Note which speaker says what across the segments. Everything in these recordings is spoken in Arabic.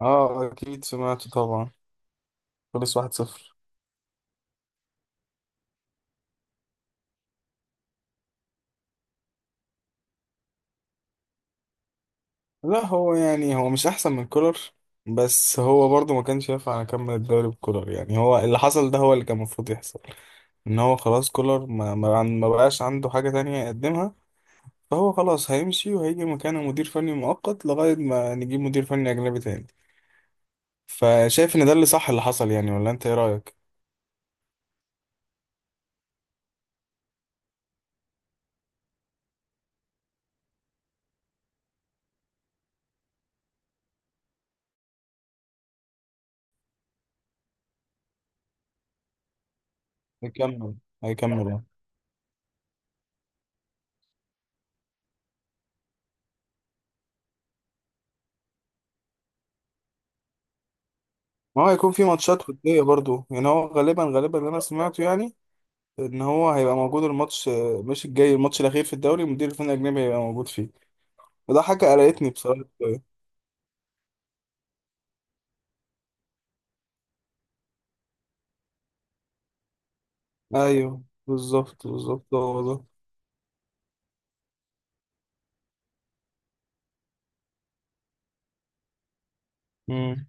Speaker 1: اه اكيد سمعته طبعا. خلص 1-0. لا هو يعني هو مش احسن من كولر. بس هو برضه ما كانش ينفع اكمل الدوري بكولر، يعني هو اللي حصل ده هو اللي كان المفروض يحصل. ان هو خلاص كولر ما بقاش عنده حاجة تانية يقدمها، فهو خلاص هيمشي وهيجي مكانه مدير فني مؤقت لغاية ما نجيب مدير فني اجنبي تاني. فشايف ان ده اللي صح اللي حصل، يعني ولا انت ايه رأيك؟ هيكمل، هيكمل يعني. ما هو هيكون في ماتشات ودية برضه، يعني هو غالبا اللي انا سمعته يعني، ان هو هيبقى موجود الماتش مش الجاي، الماتش الاخير في الدوري مدير الفني الاجنبي هيبقى موجود فيه. وده حاجه قلقتني بصراحه شوية. ايوه بالظبط بالظبط هو ده. مم.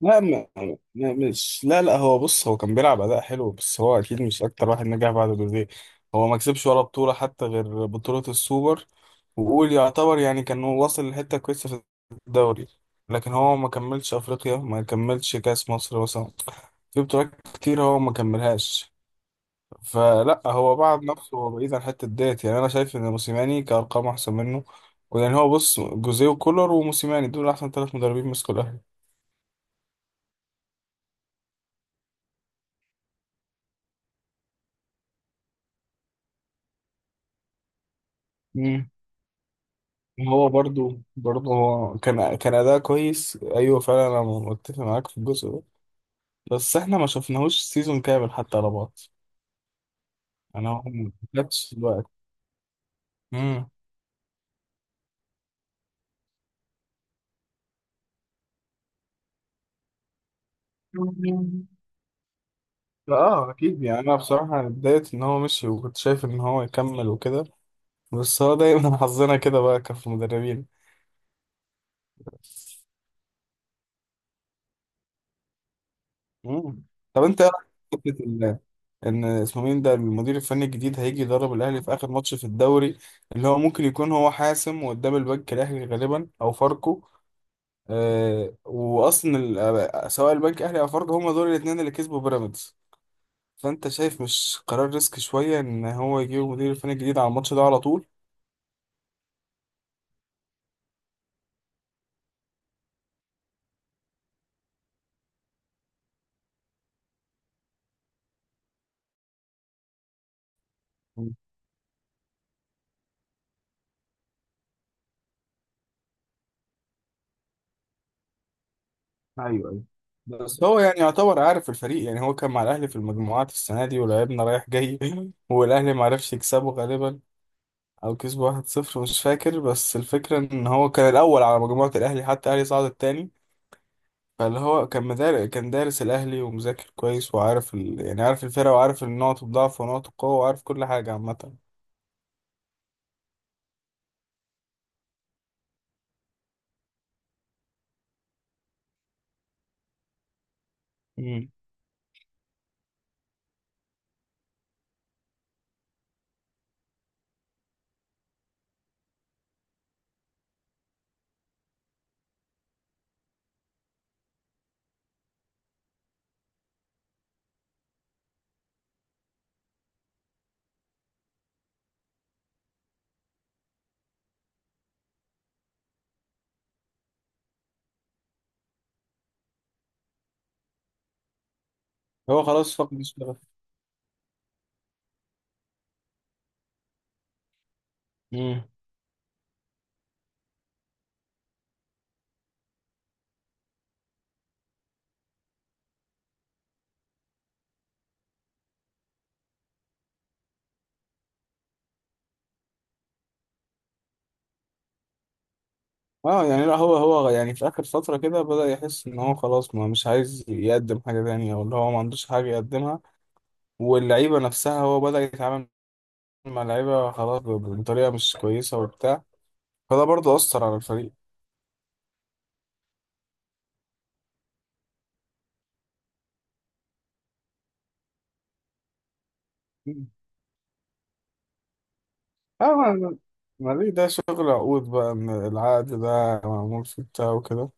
Speaker 1: لا، ما مش، لا لا هو بص، هو كان بيلعب اداء حلو، بس هو اكيد مش اكتر واحد نجح بعد دوريه. هو ما كسبش ولا بطوله حتى غير بطوله السوبر. وقول يعتبر، يعني كان هو واصل لحته كويسه في الدوري، لكن هو ما كملش افريقيا، ما كملش كاس مصر مثلا. في بطولات كتير هو ما كملهاش. فلا هو بعد نفسه، هو بعيد عن حته ديت، يعني انا شايف ان موسيماني كارقام احسن منه. يعني هو بص، جوزيه وكولر وموسيماني دول احسن ثلاث مدربين مسكوا الاهلي. مم. هو برضو هو كان اداء كويس، ايوه فعلا انا متفق معاك في الجزء ده، بس احنا ما شفناهوش سيزون كامل حتى على بعض. انا هو ما جاتش الوقت. امم اه اكيد، يعني انا بصراحه اتضايقت ان هو مشي، وكنت شايف ان هو يكمل وكده، بس هو دايما حظنا كده بقى كف مدربين. مم. طب انت ايه رأيك في فكرة ان اسمه مين ده، المدير الفني الجديد هيجي يدرب الاهلي في اخر ماتش في الدوري، اللي هو ممكن يكون هو حاسم، وقدام البنك الاهلي غالبا او فاركو. آه واصلا ال- آه، سواء البنك الاهلي او فاركو، هما دول الاثنين اللي كسبوا بيراميدز، فانت شايف مش قرار ريسك شويه ان هو يجيب مدير الفني الجديد على الماتش ده على طول؟ مم. ايوه ايوه. بس هو يعني يعتبر عارف الفريق، يعني هو كان مع الاهلي في المجموعات السنه دي ولعبنا رايح جاي والاهلي ما عرفش يكسبه غالبا، او كسبوا 1-0 مش فاكر، بس الفكرة ان هو كان الاول على مجموعة الاهلي حتى، الاهلي صعد التاني. فاللي هو كان دارس الاهلي ومذاكر كويس، وعارف يعني عارف الفرقة، وعارف النقط الضعف ونقط القوة، وعارف كل حاجة عامة. مم. هو خلاص فقد الشغف. مم. اه يعني، لا هو يعني في اخر فترة كده بدأ يحس ان هو خلاص، ما مش عايز يقدم حاجة تانية، او اللي هو ما عندوش حاجة يقدمها. واللعيبة نفسها هو بدأ يتعامل مع اللعيبة خلاص بطريقة مش كويسة وبتاع. فده برضه أثر على الفريق. اه ما ليه ده شغل عقود بقى، ان العقد ده معمول في بتاع وكده،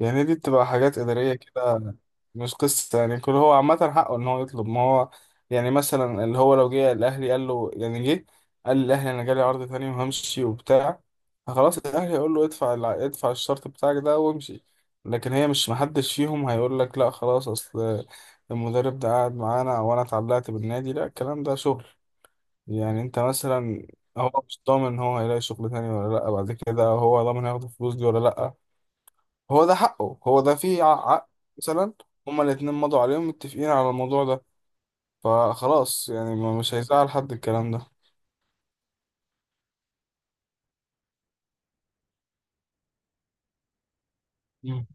Speaker 1: يعني دي بتبقى حاجات إدارية كده، مش قصة يعني كل هو. عامة حقه ان هو يطلب، ما هو يعني مثلا اللي هو لو جه الاهلي قال له، يعني جه قال للاهلي انا جالي عرض تاني وهمشي وبتاع، فخلاص الاهلي هيقول له ادفع ادفع الشرط بتاعك ده وامشي. لكن هي مش، محدش فيهم هيقول لك لا خلاص اصل المدرب ده قاعد معانا وانا اتعلقت بالنادي، لا الكلام ده شغل. يعني انت مثلا، هو مش ضامن ان هو هيلاقي شغل تاني ولا لا بعد كده، هو ضامن هياخد الفلوس دي ولا لا. هو ده حقه، هو ده فيه عقد. مثلا هما الاتنين مضوا عليهم متفقين على الموضوع ده، فخلاص يعني مش هيزعل حد الكلام ده. مم.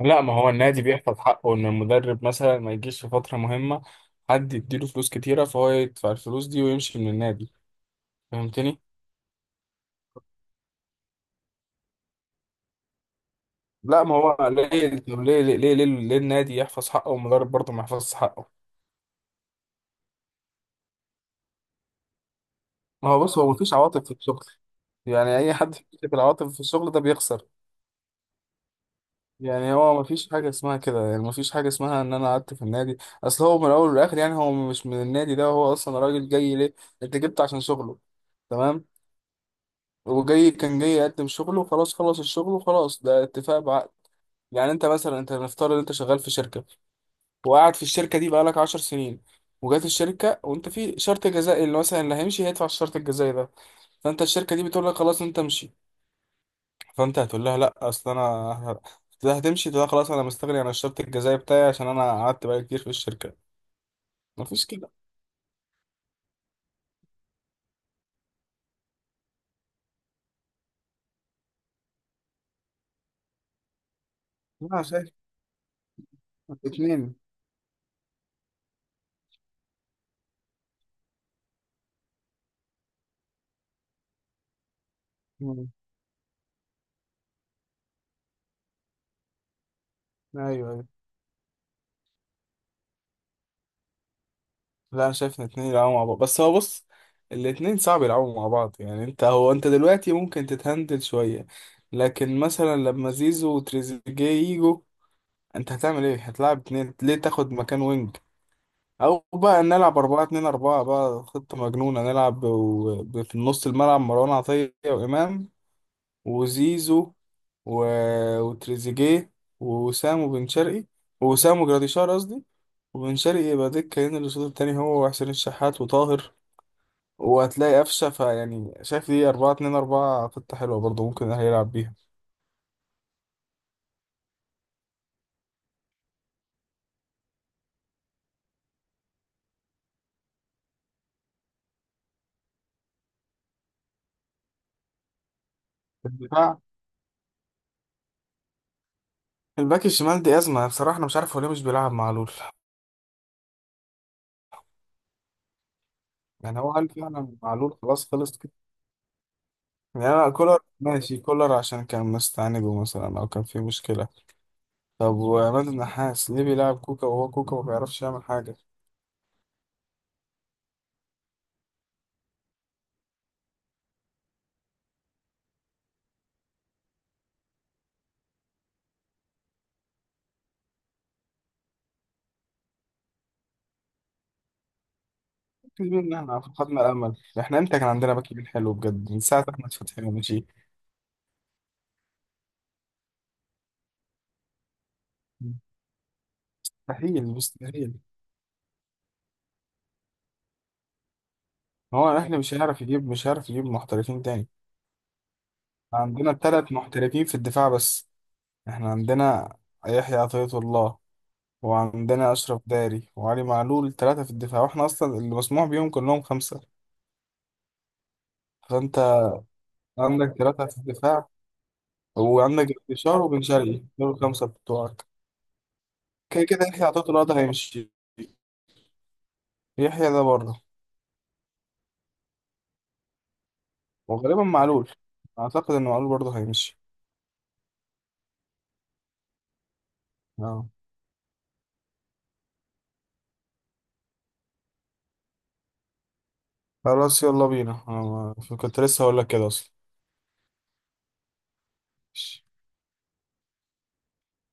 Speaker 1: لا ما هو النادي بيحفظ حقه، ان المدرب مثلا ما يجيش في فترة مهمة حد يديله فلوس كتيرة فهو يدفع الفلوس دي ويمشي من النادي. فهمتني؟ لا ما هو ليه، طب ليه النادي يحفظ حقه والمدرب برضه ما يحفظش حقه؟ ما هو بص، هو مفيش عواطف في الشغل، يعني اي حد بيمسك العواطف في الشغل ده بيخسر. يعني هو مفيش حاجه اسمها كده، يعني مفيش حاجه اسمها ان انا قعدت في النادي. اصل هو من الاول والاخر، يعني هو مش من النادي ده، هو اصلا راجل جاي ليه، انت جبت عشان شغله، تمام. وجاي كان جاي يقدم شغله وخلاص، خلص الشغل وخلاص، ده اتفاق بعقد. يعني انت مثلا، انت نفترض ان انت شغال في شركه وقاعد في الشركه دي بقالك 10 سنين، وجات الشركه وانت في شرط جزائي اللي مثلا اللي هيمشي هيدفع الشرط الجزائي ده، فانت الشركه دي بتقول لك خلاص انت امشي، فانت هتقول لها لا اصل انا هتقول لها، هتمشي تقول لها خلاص انا مستغني عن الشرط الجزائي بتاعي عشان انا قعدت بقالي كتير في الشركه. مفيش كده. لا أنا شايف اتنين. مم. ايوه ايوه. لا انا شايف ان اتنين يلعبوا مع بعض، بس هو بص، الاتنين صعب يلعبوا مع بعض، يعني انت هو انت دلوقتي ممكن تتهندل شويه، لكن مثلا لما زيزو وتريزيجيه يجوا، انت هتعمل ايه؟ هتلعب اتنين ليه تاخد مكان وينج؟ او بقى نلعب أربعة اتنين أربعة بقى، خطة مجنونة، نلعب في نص الملعب مروان عطية وإمام، وزيزو، و... وتريزيجيه، ووسام وبن شرقي، ووسام وجراديشار قصدي، وبن شرقي يبقى دكة هنا الأسود التاني هو وحسين الشحات وطاهر، وهتلاقي قفشة، فيعني شايف دي أربعة اتنين أربعة خطة حلوة برضه ممكن الأهلي يلعب بيها. الدفاع. الباك الشمال دي أزمة بصراحة، أنا مش عارف هو ليه مش بيلعب معلول. يعني هو هل فعلا معلول خلاص خلص كده؟ يعني أنا كولر ماشي كولر عشان كان مستعنده مثلا أو كان فيه مشكلة، طب وعماد النحاس ليه بيلعب كوكا وهو كوكا ما بيعرفش يعمل حاجة؟ في منها فقدنا الأمل، إحنا إمتى كان عندنا باك يمين حلو بجد من ساعة أحمد فتحي ما مشي. مستحيل مستحيل. هو إحنا مش هنعرف يجيب، مش هنعرف يجيب محترفين تاني. عندنا تلات محترفين في الدفاع بس. إحنا عندنا يحيى عطية الله، وعندنا أشرف داري وعلي معلول، تلاتة في الدفاع، وإحنا أصلا اللي مسموح بيهم كلهم خمسة. فأنت عندك تلاتة في الدفاع، وعندك بشار وبن شرقي، دول الخمسة بتوعك. كده كده يحيى عطية الله ده هيمشي. يحيى ده بره. وغالبا معلول، اعتقد ان معلول برضه هيمشي. اه خلاص يلا بينا، انا كنت لسه هقول لك كده اصلا.